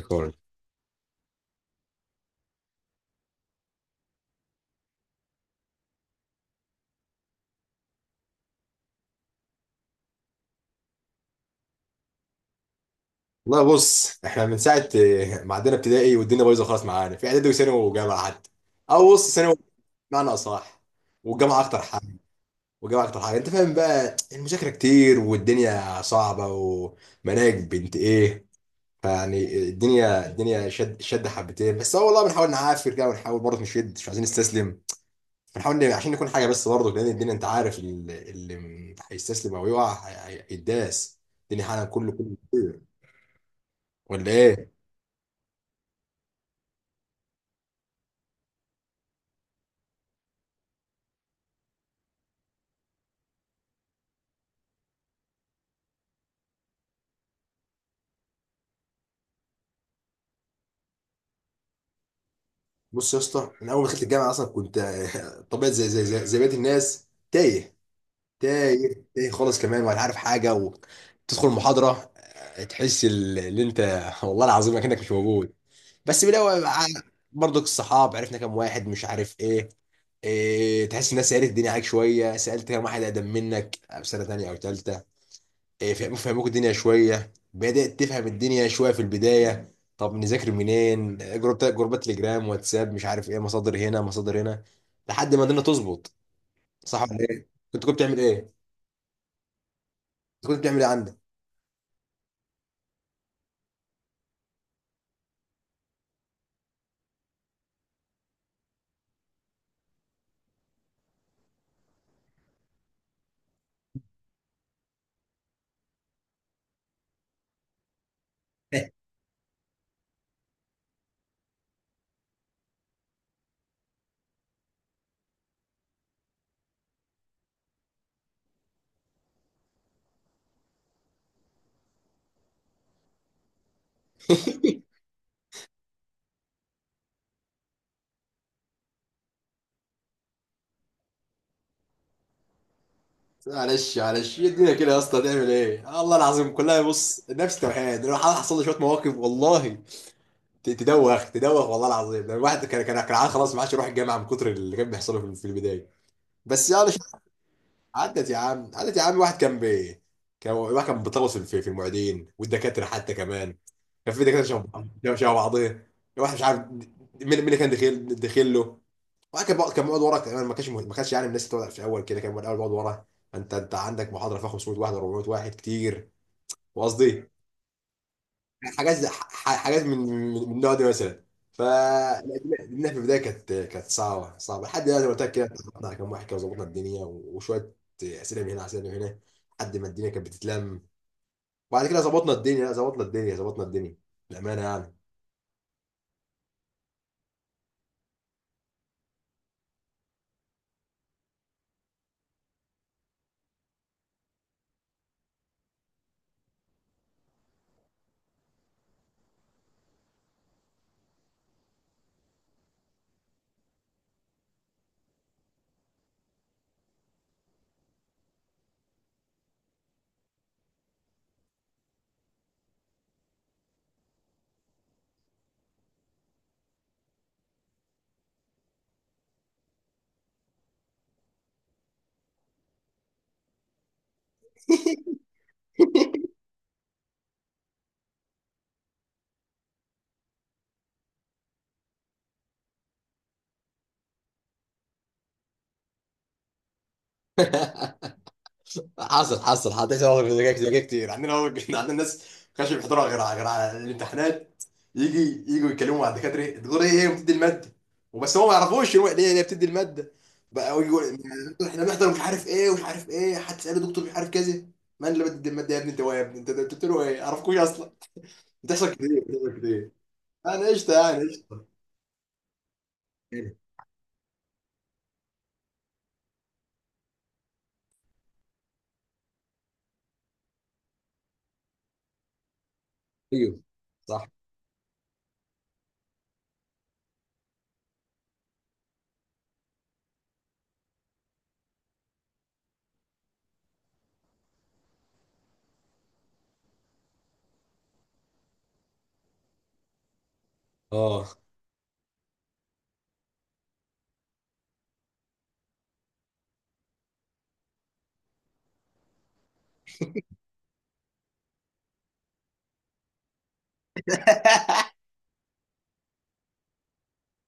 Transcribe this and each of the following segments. ريكورد. والله بص احنا من ساعه ما عدينا ابتدائي والدنيا بايظه خالص معانا في اعدادي وثانوي وجامعه حتى. او بص ثانوي معنى اصح. والجامعه اكتر حاجه. والجامعه اكتر حاجه انت فاهم بقى المذاكره كتير والدنيا صعبه ومناهج بنت ايه. فيعني الدنيا شد حبتين بس هو والله بنحاول نعافر كده ونحاول برضه نشد مش عايزين نستسلم. عشان نكون حاجه بس برضه لان الدنيا انت عارف اللي هيستسلم او يقع هيداس الدنيا حالا كله كتير، ولا ايه؟ بص يا اسطى انا اول ما دخلت الجامعه اصلا كنت طبيعي زي بقيه الناس تايه. تايه خالص كمان ولا عارف حاجه وتدخل المحاضره، تحس اللي انت والله العظيم انك مش موجود. بس بالاول برضك الصحاب عرفنا كام واحد مش عارف ايه. إيه، تحس الناس سالت الدنيا عليك شويه سالت كام واحد اقدم منك في سنه تانيه او تالته. إيه، فهموك الدنيا شويه بدات تفهم الدنيا شويه في البدايه. طب نذاكر منين؟ جروبات جروبات تليجرام واتساب مش عارف ايه، مصادر هنا مصادر هنا لحد ما الدنيا تظبط. صح ولا ايه؟ كنت بتعمل ايه؟ كنت بتعمل ايه عندك؟ معلش معلش، هي الدنيا كده يا اسطى، هتعمل ايه؟ الله العظيم كلها بص نفس توحيد. انا حصل لي شويه مواقف والله. تدوخ والله العظيم، ده الواحد كان عاد خلاص ما عادش يروح الجامعه من كتر اللي كان بيحصله في البدايه، بس يعني. عدت يا عم عدت يا عم. واحد كان بي، كان واحد كان بيطغوص في المعيدين والدكاتره حتى كمان. كان في دكاتره شبه بعضيه، واحد مش عارف مين. مين اللي كان دخيل له. واحد كان بيقعد ورا كمان، ما كانش ما كانش يعني من الناس اللي بتقعد في الاول كده. الاول بيقعد ورا. انت انت عندك محاضره فيها 500 واحد، 400 واحد كتير. وقصدي حاجات من النوع ده مثلا. ف لأن في البدايه كانت صعبه. لحد دلوقتي قلت لك كده اتعرفنا على كام واحد كده وظبطنا الدنيا وشويه اسئله من هنا اسئله من هنا لحد ما الدنيا كانت بتتلم. وبعد كده ظبطنا الدنيا، لا، ظبطنا الدنيا ظبطنا الدنيا بامانه يعني. حصل، حصل، حطيت مواقف زي كده زي كده كتير. عندنا مواقف عندنا ناس ما كانش بيحضروا غير على، غير على الامتحانات. يجي يجوا يتكلموا مع الدكاتره تقول ايه هي بتدي الماده، وبس هم ما يعرفوش هو ليه هي بتدي الماده. بقى يجوا احنا بنحضر مش عارف ايه ومش عارف ايه. حد سأله دكتور مش عارف كذا من اللي بتدي الماده يا ابني انت؟ هو يا ابني انت، أنت بتقول له ايه؟ عرفكوش اصلا. بتحصل كتير بتحصل كتير. انا قشطه يعني قشطه. ايوه. صح. اه.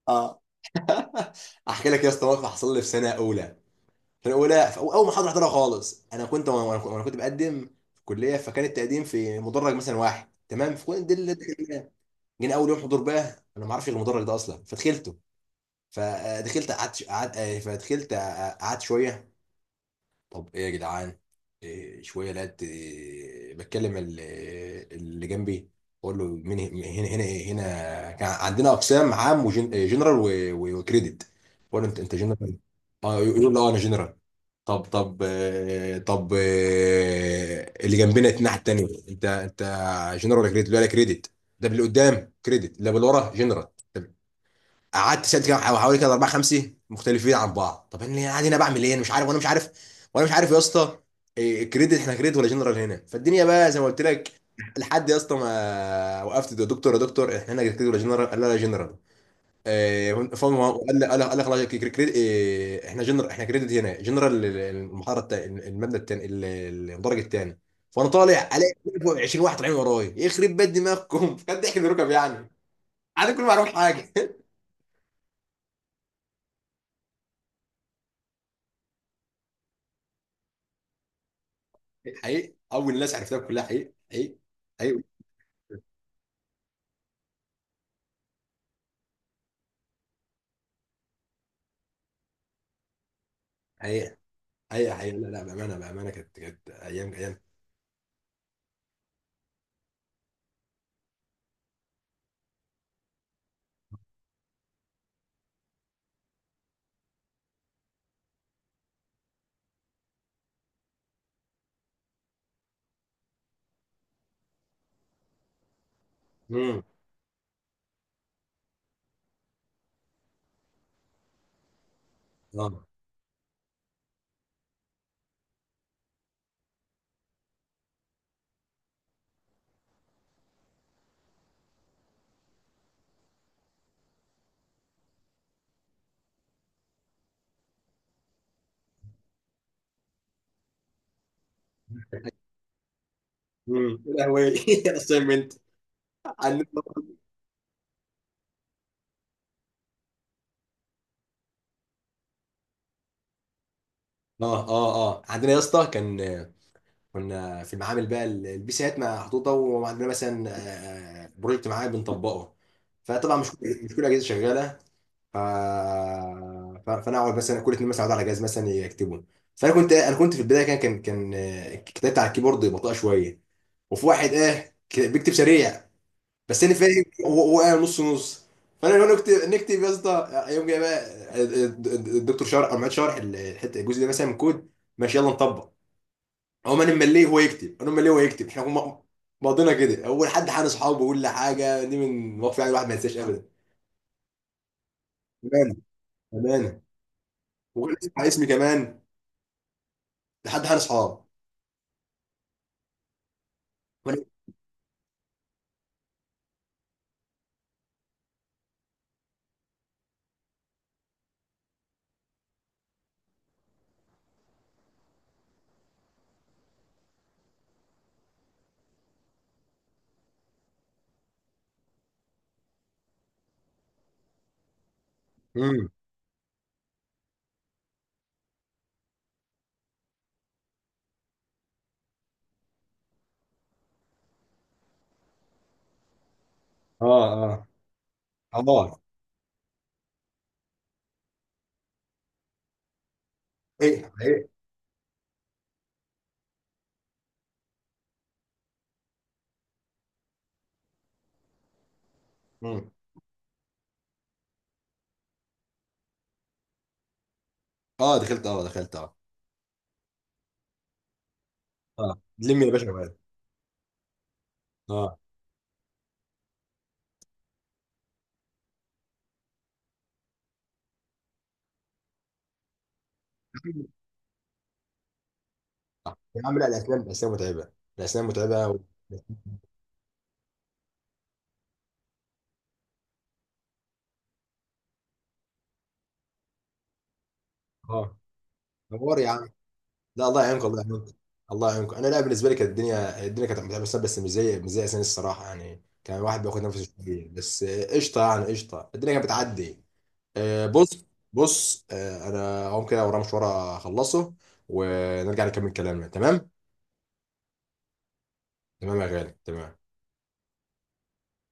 اه. احكي لك يا اسطى موقف حصل لي في سنه اولى. في الاولى، في اول محاضره احضرها خالص، انا كنت وانا وأنا كنت بقدم في الكليه، فكان التقديم في مدرج مثلا واحد، تمام؟ فكنت دي اللي دخلناها. جينا اول يوم حضور بقى انا ما اعرفش المدرج ده اصلا، فدخلته. فدخلت قعدت فدخلت قعدت شويه. طب ايه يا جدعان؟ إيه، شويه لقيت، إيه، بتكلم اللي جنبي. بقول له مين هنا؟ هنا هنا إيه؟ هنا كان عندنا اقسام عام وجنرال وكريدت. بقول له انت انت جنرال؟ اه يقول له اه انا جنرال. طب طب طب اللي جنبنا الناحيه التانيه انت انت جنرال ولا كريدت؟ ولا كريدت؟ ده اللي قدام كريدت اللي بالورا جنرال؟ طب. قعدت سالت كده حوالي كده اربعه خمسه مختلفين عن بعض. طب انا قاعد هنا بعمل ايه؟ انا مش عارف وانا مش عارف وانا مش عارف يا اسطى إيه، كريدت احنا، كريدت ولا جنرال هنا؟ فالدنيا بقى زي ما قلت لك. لحد يا اسطى ما وقفت ده دكتور، يا دكتور احنا هنا كريدت ولا جنرال؟ قال لا لا جنرال. فاهم. هو قال لي خلاص، احنا جنرال، احنا كريدت هنا جنرال المبنى الثاني، الدرج الثاني. فانا طالع الاقي فوق 20 واحد طالعين ورايا، يخرب بيت دماغكم كان ضحك من الركب يعني. انا كل ما اعرف حاجه حقيقي اول ناس عرفتها كلها حقيقي حقيقي. حقيقي حقيقي حقيقي حقيقي لا لا بامانه بامانه كانت كانت ايام ايام. امم. اه. يا لهوي اسايمنت. اه اه اه. عندنا يا اسطى كان، كنا في المعامل بقى البيسات محطوطه وعندنا مثلا بروجكت معين بنطبقه. فطبعا مش كل الاجهزه شغاله. ف... فانا اقعد مثلا كل اتنين مثلا اقعد على جهاز مثلا يكتبوا. فانا كنت في البدايه كان كان كان آه، كتابت على الكيبورد بطيئه شويه. وفي واحد اه بيكتب سريع، بس انا فاهم هو قاعد نص نص. فانا لو نكتب يا اسطى، يوم جاي بقى الدكتور شرح او معيد شرح الجزء ده مثلا من كود، ماشي يلا نطبق. هو ما انا مليه هو يكتب انا مليه هو يكتب احنا ماضينا كده. اول حد حان اصحابه ولا حاجه، دي من مواقف يعني الواحد ما ينساش ابدا. امانه امانه. وغير اسمي اسمي كمان لحد حان اصحاب. وأنا- امم. اه اه اه. ايه ايه. امم. اه دخلت اه دخلت اه. اه لم يا باشا معايا. اه. يا عم لا الاسنان الاسنان متعبه. الاسنان متعبه و... اه. حوار يا عم. لا الله يعينكم الله يعينكم. الله يعينكم. انا لا بالنسبه لي كانت الدنيا، الدنيا كانت متعبه بس، بس مش زي مش زي اسامي الصراحه يعني. كان الواحد بياخد نفسه شويه بس، قشطه يعني قشطه، الدنيا كانت بتعدي. بص. بص انا هقوم كده ورا مشوار اخلصه ونرجع نكمل كلامنا، تمام؟ تمام يا غالي تمام.